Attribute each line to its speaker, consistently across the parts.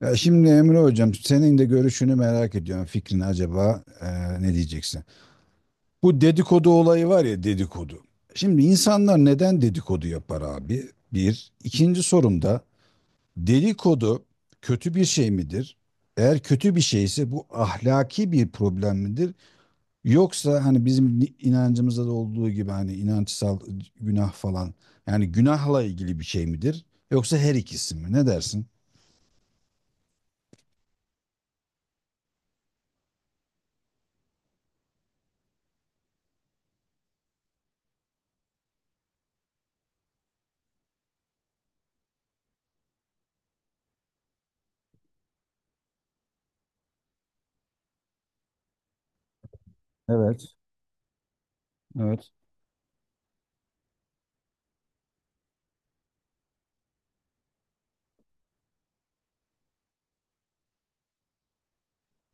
Speaker 1: Ya şimdi Emre Hocam senin de görüşünü merak ediyorum. Fikrini acaba ne diyeceksin? Bu dedikodu olayı var ya dedikodu. Şimdi insanlar neden dedikodu yapar abi? Bir. İkinci sorum da dedikodu kötü bir şey midir? Eğer kötü bir şeyse bu ahlaki bir problem midir? Yoksa hani bizim inancımızda da olduğu gibi hani inançsal günah falan yani günahla ilgili bir şey midir? Yoksa her ikisi mi? Ne dersin? Evet. Evet.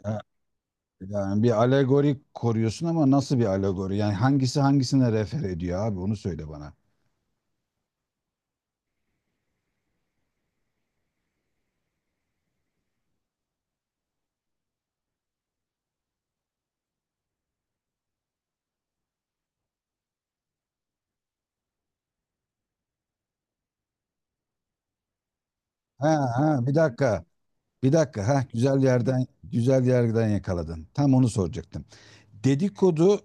Speaker 1: Ee, Yani bir alegori koruyorsun ama nasıl bir alegori? Yani hangisi hangisine refer ediyor abi? Onu söyle bana. Ha ha, bir dakika. Bir dakika. Ha, güzel yerden yakaladın. Tam onu soracaktım. Dedikodu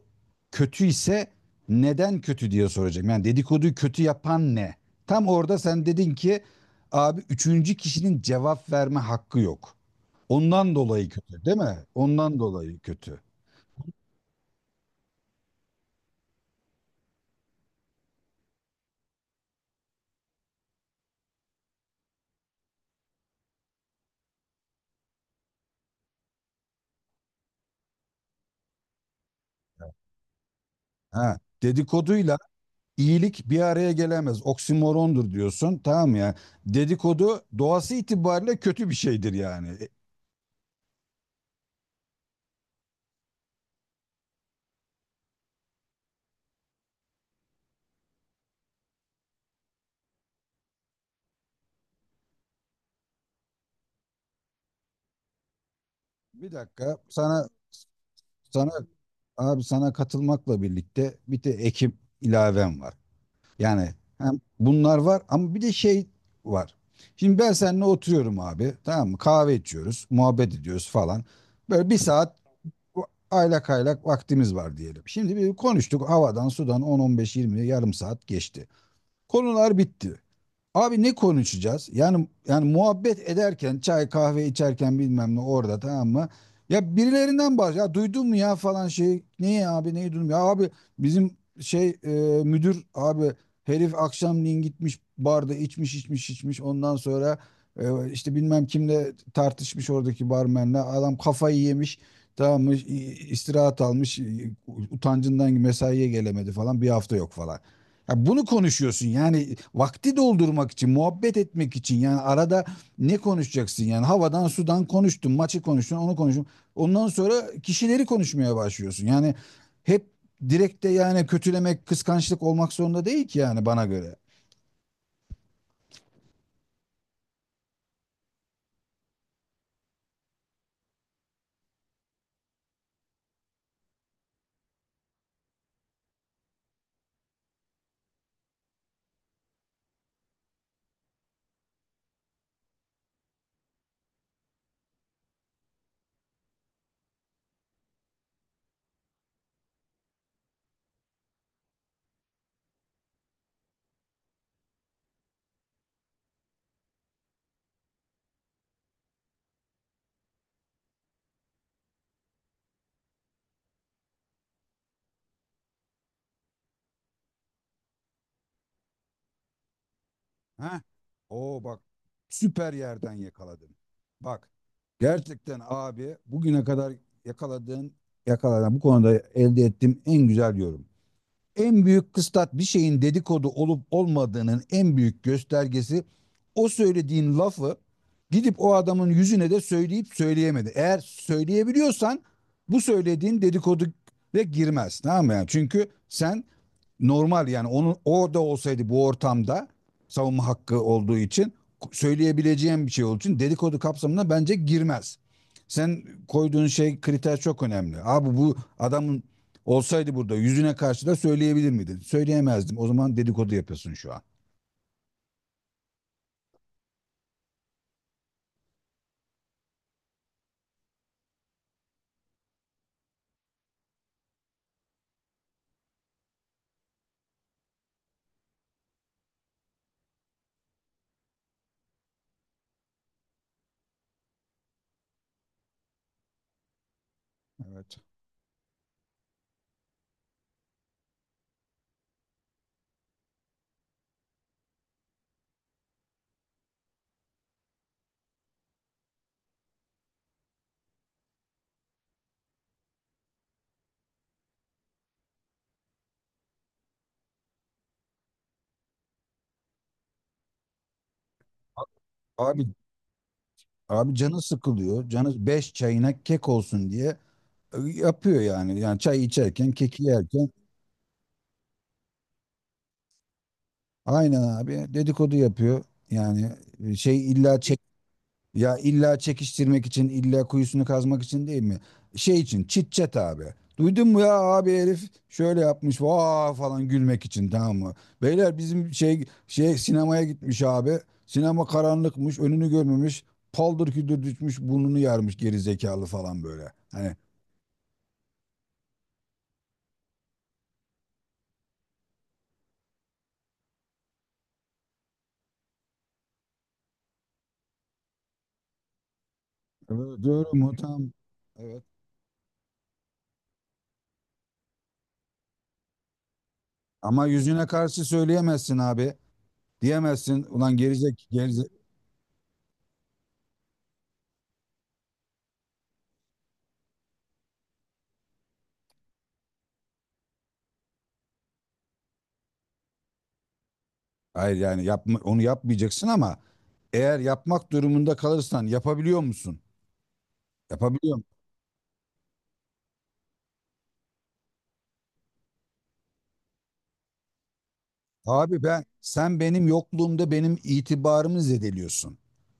Speaker 1: kötü ise neden kötü diye soracağım. Yani dedikoduyu kötü yapan ne? Tam orada sen dedin ki abi üçüncü kişinin cevap verme hakkı yok. Ondan dolayı kötü, değil mi? Ondan dolayı kötü. Ha, dedikoduyla iyilik bir araya gelemez. Oksimorondur diyorsun. Tamam mı ya. Dedikodu doğası itibariyle kötü bir şeydir yani. Bir dakika sana. Sana abi, sana katılmakla birlikte bir de ekip ilavem var. Yani hem bunlar var ama bir de şey var. Şimdi ben seninle oturuyorum abi, tamam mı? Kahve içiyoruz, muhabbet ediyoruz falan. Böyle bir saat aylak aylak vaktimiz var diyelim. Şimdi bir konuştuk havadan sudan, 10-15-20 yarım saat geçti. Konular bitti. Abi ne konuşacağız? Yani muhabbet ederken çay kahve içerken bilmem ne orada, tamam mı? Ya birilerinden ya duydun mu ya falan şey. Neyi abi, neyi duydum ya abi bizim şey müdür abi, herif akşamleyin gitmiş barda içmiş içmiş içmiş, ondan sonra işte bilmem kimle tartışmış oradaki barmenle, adam kafayı yemiş, tamam mı? İstirahat almış, utancından mesaiye gelemedi falan, bir hafta yok falan. Ya bunu konuşuyorsun yani vakti doldurmak için, muhabbet etmek için, yani arada ne konuşacaksın yani havadan sudan konuştun, maçı konuştun, onu konuştun. Ondan sonra kişileri konuşmaya başlıyorsun. Yani hep direkt de yani kötülemek, kıskançlık olmak zorunda değil ki yani, bana göre. Ha? Oo bak, süper yerden yakaladın. Bak gerçekten abi, bugüne kadar yakaladığın yakaladığın bu konuda elde ettiğim en güzel yorum. En büyük kıstas, bir şeyin dedikodu olup olmadığının en büyük göstergesi, o söylediğin lafı gidip o adamın yüzüne de söyleyip söyleyemedi. Eğer söyleyebiliyorsan bu söylediğin dedikodu ve girmez. Tamam mı? Yani çünkü sen normal yani onun orada olsaydı bu ortamda savunma hakkı olduğu için söyleyebileceğim bir şey olduğu için dedikodu kapsamına bence girmez. Sen koyduğun şey kriter çok önemli. Abi bu adamın olsaydı burada yüzüne karşı da söyleyebilir miydin? Söyleyemezdim. O zaman dedikodu yapıyorsun şu an. Evet. A- Abi abi canı sıkılıyor. Canı beş çayına kek olsun diye yapıyor yani. Yani çay içerken, keki yerken. Aynen abi, dedikodu yapıyor. Yani şey, illa ya illa çekiştirmek için, illa kuyusunu kazmak için değil mi? Şey için, chit chat abi. Duydun mu ya abi, herif şöyle yapmış vaa falan, gülmek için tamam mı? Beyler bizim şey sinemaya gitmiş abi. Sinema karanlıkmış önünü görmemiş. Paldır küldür düşmüş, burnunu yarmış, geri zekalı falan böyle. Hani, evet, doğru mu, tamam. Evet. Ama yüzüne karşı söyleyemezsin abi. Diyemezsin ulan gerizek. Hayır yani yapma, onu yapmayacaksın ama eğer yapmak durumunda kalırsan yapabiliyor musun? Yapabiliyor. Abi sen benim yokluğumda benim itibarımı zedeliyorsun.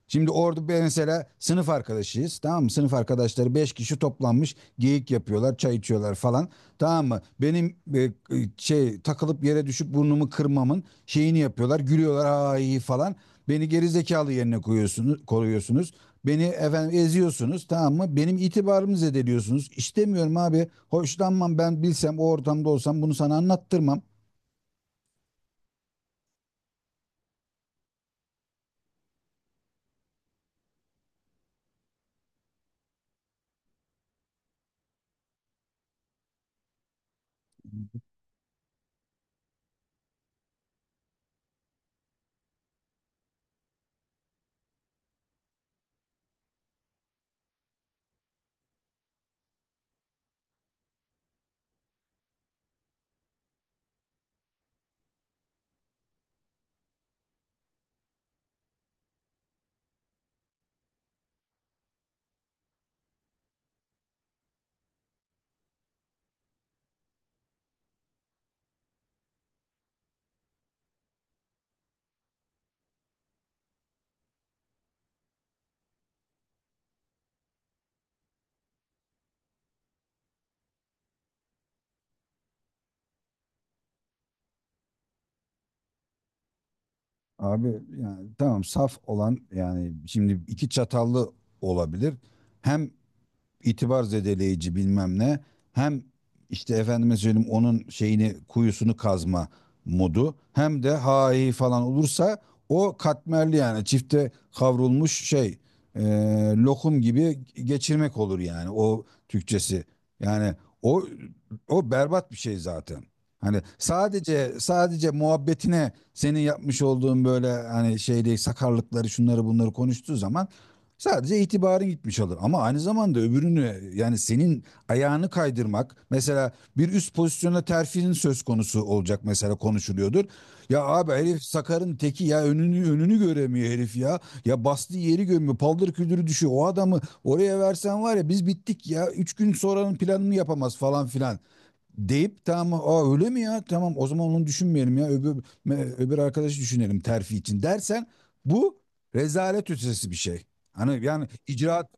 Speaker 1: Şimdi orada ben mesela sınıf arkadaşıyız tamam mı? Sınıf arkadaşları 5 kişi toplanmış geyik yapıyorlar, çay içiyorlar falan, tamam mı? Benim şey takılıp yere düşüp burnumu kırmamın şeyini yapıyorlar, gülüyorlar, ha iyi falan. Beni gerizekalı yerine koyuyorsunuz, koruyorsunuz. Beni efendim eziyorsunuz, tamam mı? Benim itibarımı zedeliyorsunuz. İstemiyorum abi. Hoşlanmam, ben bilsem o ortamda olsam bunu sana anlattırmam. Abi yani tamam, saf olan yani şimdi iki çatallı olabilir. Hem itibar zedeleyici bilmem ne. Hem işte efendime söyleyeyim onun şeyini, kuyusunu kazma modu, hem de hahi falan olursa o katmerli yani çifte kavrulmuş şey, e, lokum gibi geçirmek olur yani, o Türkçesi. Yani o o berbat bir şey zaten. Hani sadece muhabbetine senin yapmış olduğun böyle hani şey değil, sakarlıkları şunları bunları konuştuğu zaman. Sadece itibarı gitmiş olur ama aynı zamanda öbürünü, yani senin ayağını kaydırmak mesela, bir üst pozisyona terfinin söz konusu olacak mesela, konuşuluyordur. Ya abi herif Sakar'ın teki ya, önünü göremiyor herif ya. Ya bastığı yeri görmüyor, paldır küldürü düşüyor. O adamı oraya versen var ya biz bittik ya, 3 gün sonranın planını yapamaz falan filan deyip, tamam aa öyle mi ya, tamam o zaman onu düşünmeyelim, ya öbür, öbür arkadaşı düşünelim terfi için dersen, bu rezalet ötesi bir şey. Hani yani icraat,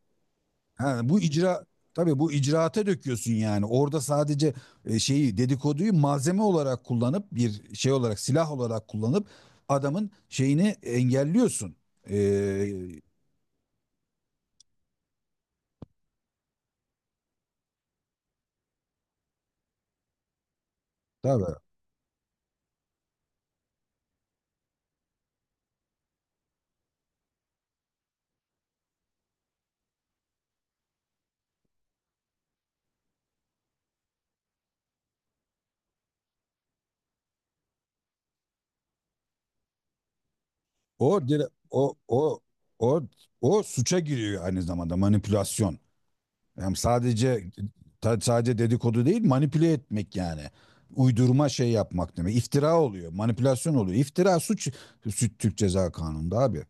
Speaker 1: ha, bu icra tabii bu icraata döküyorsun yani, orada sadece şeyi, dedikoduyu malzeme olarak kullanıp, bir şey olarak, silah olarak kullanıp adamın şeyini engelliyorsun. Ee, tabii o dire- o o o o suça giriyor aynı zamanda, manipülasyon. Yani sadece dedikodu değil, manipüle etmek yani. Uydurma şey yapmak demek. İftira oluyor. Manipülasyon oluyor. İftira suç, suç Türk Ceza Kanunu'nda abi.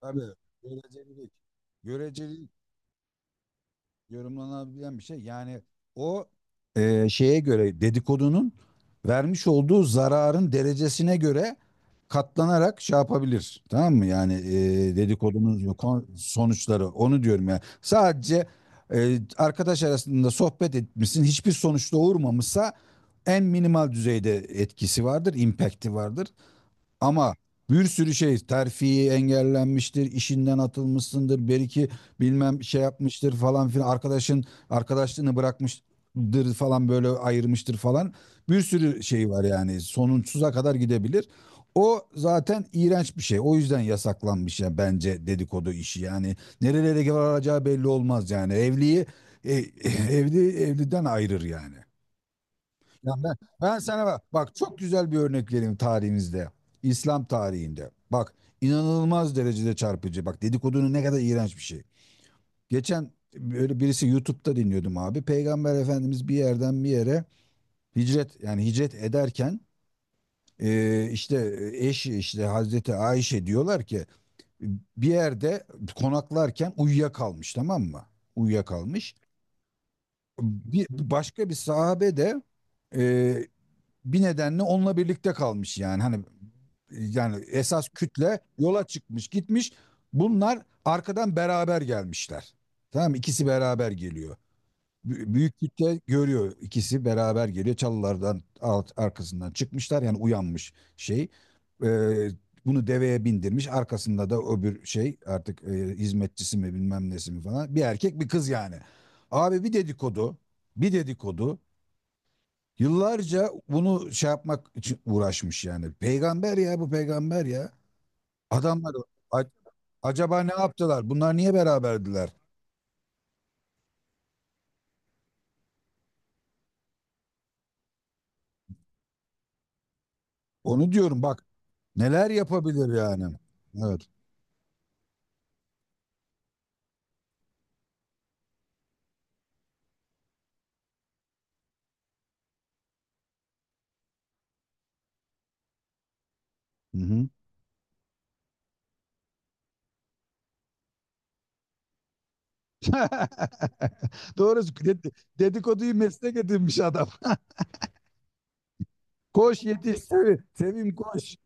Speaker 1: Tabii. Görecelilik. Görecelilik. Yorumlanabilen bir şey. Yani o şeye göre, dedikodunun vermiş olduğu zararın derecesine göre katlanarak şey yapabilir. Tamam mı? Yani dedikodunun sonuçları, onu diyorum yani. Sadece arkadaş arasında sohbet etmişsin hiçbir sonuçta doğurmamışsa en minimal düzeyde etkisi vardır, impact'i vardır. Ama bir sürü şey terfi engellenmiştir, işinden atılmışsındır, bir iki bilmem şey yapmıştır falan filan, arkadaşın arkadaşlığını bırakmıştır falan böyle, ayırmıştır falan. Bir sürü şey var, yani sonsuza kadar gidebilir. O zaten iğrenç bir şey. O yüzden yasaklanmış ya bence dedikodu işi. Yani nerelere varacağı belli olmaz yani. E, Evli evliden ayırır yani. Ya ben sana bak, çok güzel bir örnek vereyim tarihimizde. İslam tarihinde. Bak inanılmaz derecede çarpıcı. Bak dedikodunun ne kadar iğrenç bir şey. Geçen böyle birisi YouTube'da dinliyordum abi. Peygamber Efendimiz bir yerden bir yere hicret, yani hicret ederken işte eşi, işte Hazreti Ayşe, diyorlar ki bir yerde konaklarken uyuyakalmış tamam mı? Uyuyakalmış. Başka bir sahabe de e, bir nedenle onunla birlikte kalmış, yani hani yani esas kütle yola çıkmış gitmiş, bunlar arkadan beraber gelmişler, tamam mı? İkisi beraber geliyor. Büyük kütle görüyor, ikisi beraber geliyor çalılardan, arkasından çıkmışlar yani, uyanmış şey. Ee, Bunu deveye bindirmiş, arkasında da öbür şey artık hizmetçisi mi bilmem nesi mi falan, bir erkek bir kız yani, abi bir dedikodu, bir dedikodu. Yıllarca bunu şey yapmak için uğraşmış yani. Peygamber ya, bu peygamber ya. Adamlar a- acaba ne yaptılar? Bunlar niye beraberdiler? Onu diyorum bak, neler yapabilir yani. Evet. Hı hı. Doğru dedikoduyu meslek edinmiş adam. Koş yetiş Sevim, Sevim koş.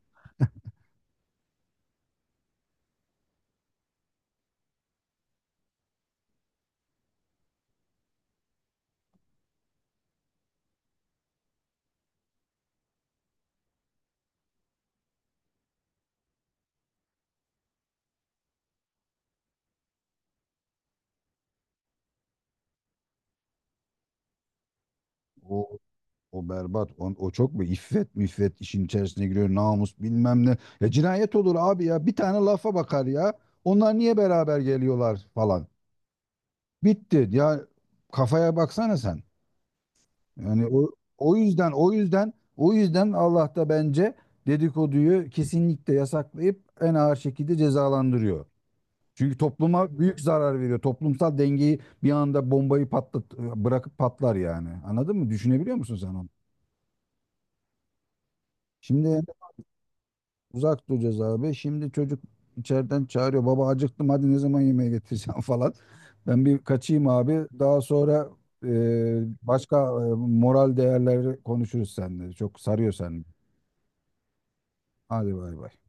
Speaker 1: O berbat. O çok mu? İffet müffet işin içerisine giriyor. Namus bilmem ne. Ya cinayet olur abi ya. Bir tane lafa bakar ya. Onlar niye beraber geliyorlar falan. Bitti. Ya kafaya baksana sen. Yani o yüzden Allah da bence dedikoduyu kesinlikle yasaklayıp en ağır şekilde cezalandırıyor. Çünkü topluma büyük zarar veriyor. Toplumsal dengeyi bir anda bombayı patlat bırakıp patlar yani. Anladın mı? Düşünebiliyor musun sen onu? Şimdi uzak duracağız abi. Şimdi çocuk içeriden çağırıyor. Baba acıktım, hadi ne zaman yemeğe getireceğim, falan. Ben bir kaçayım abi. Daha sonra e, başka moral değerleri konuşuruz seninle. Çok sarıyor seni. Hadi bay bay.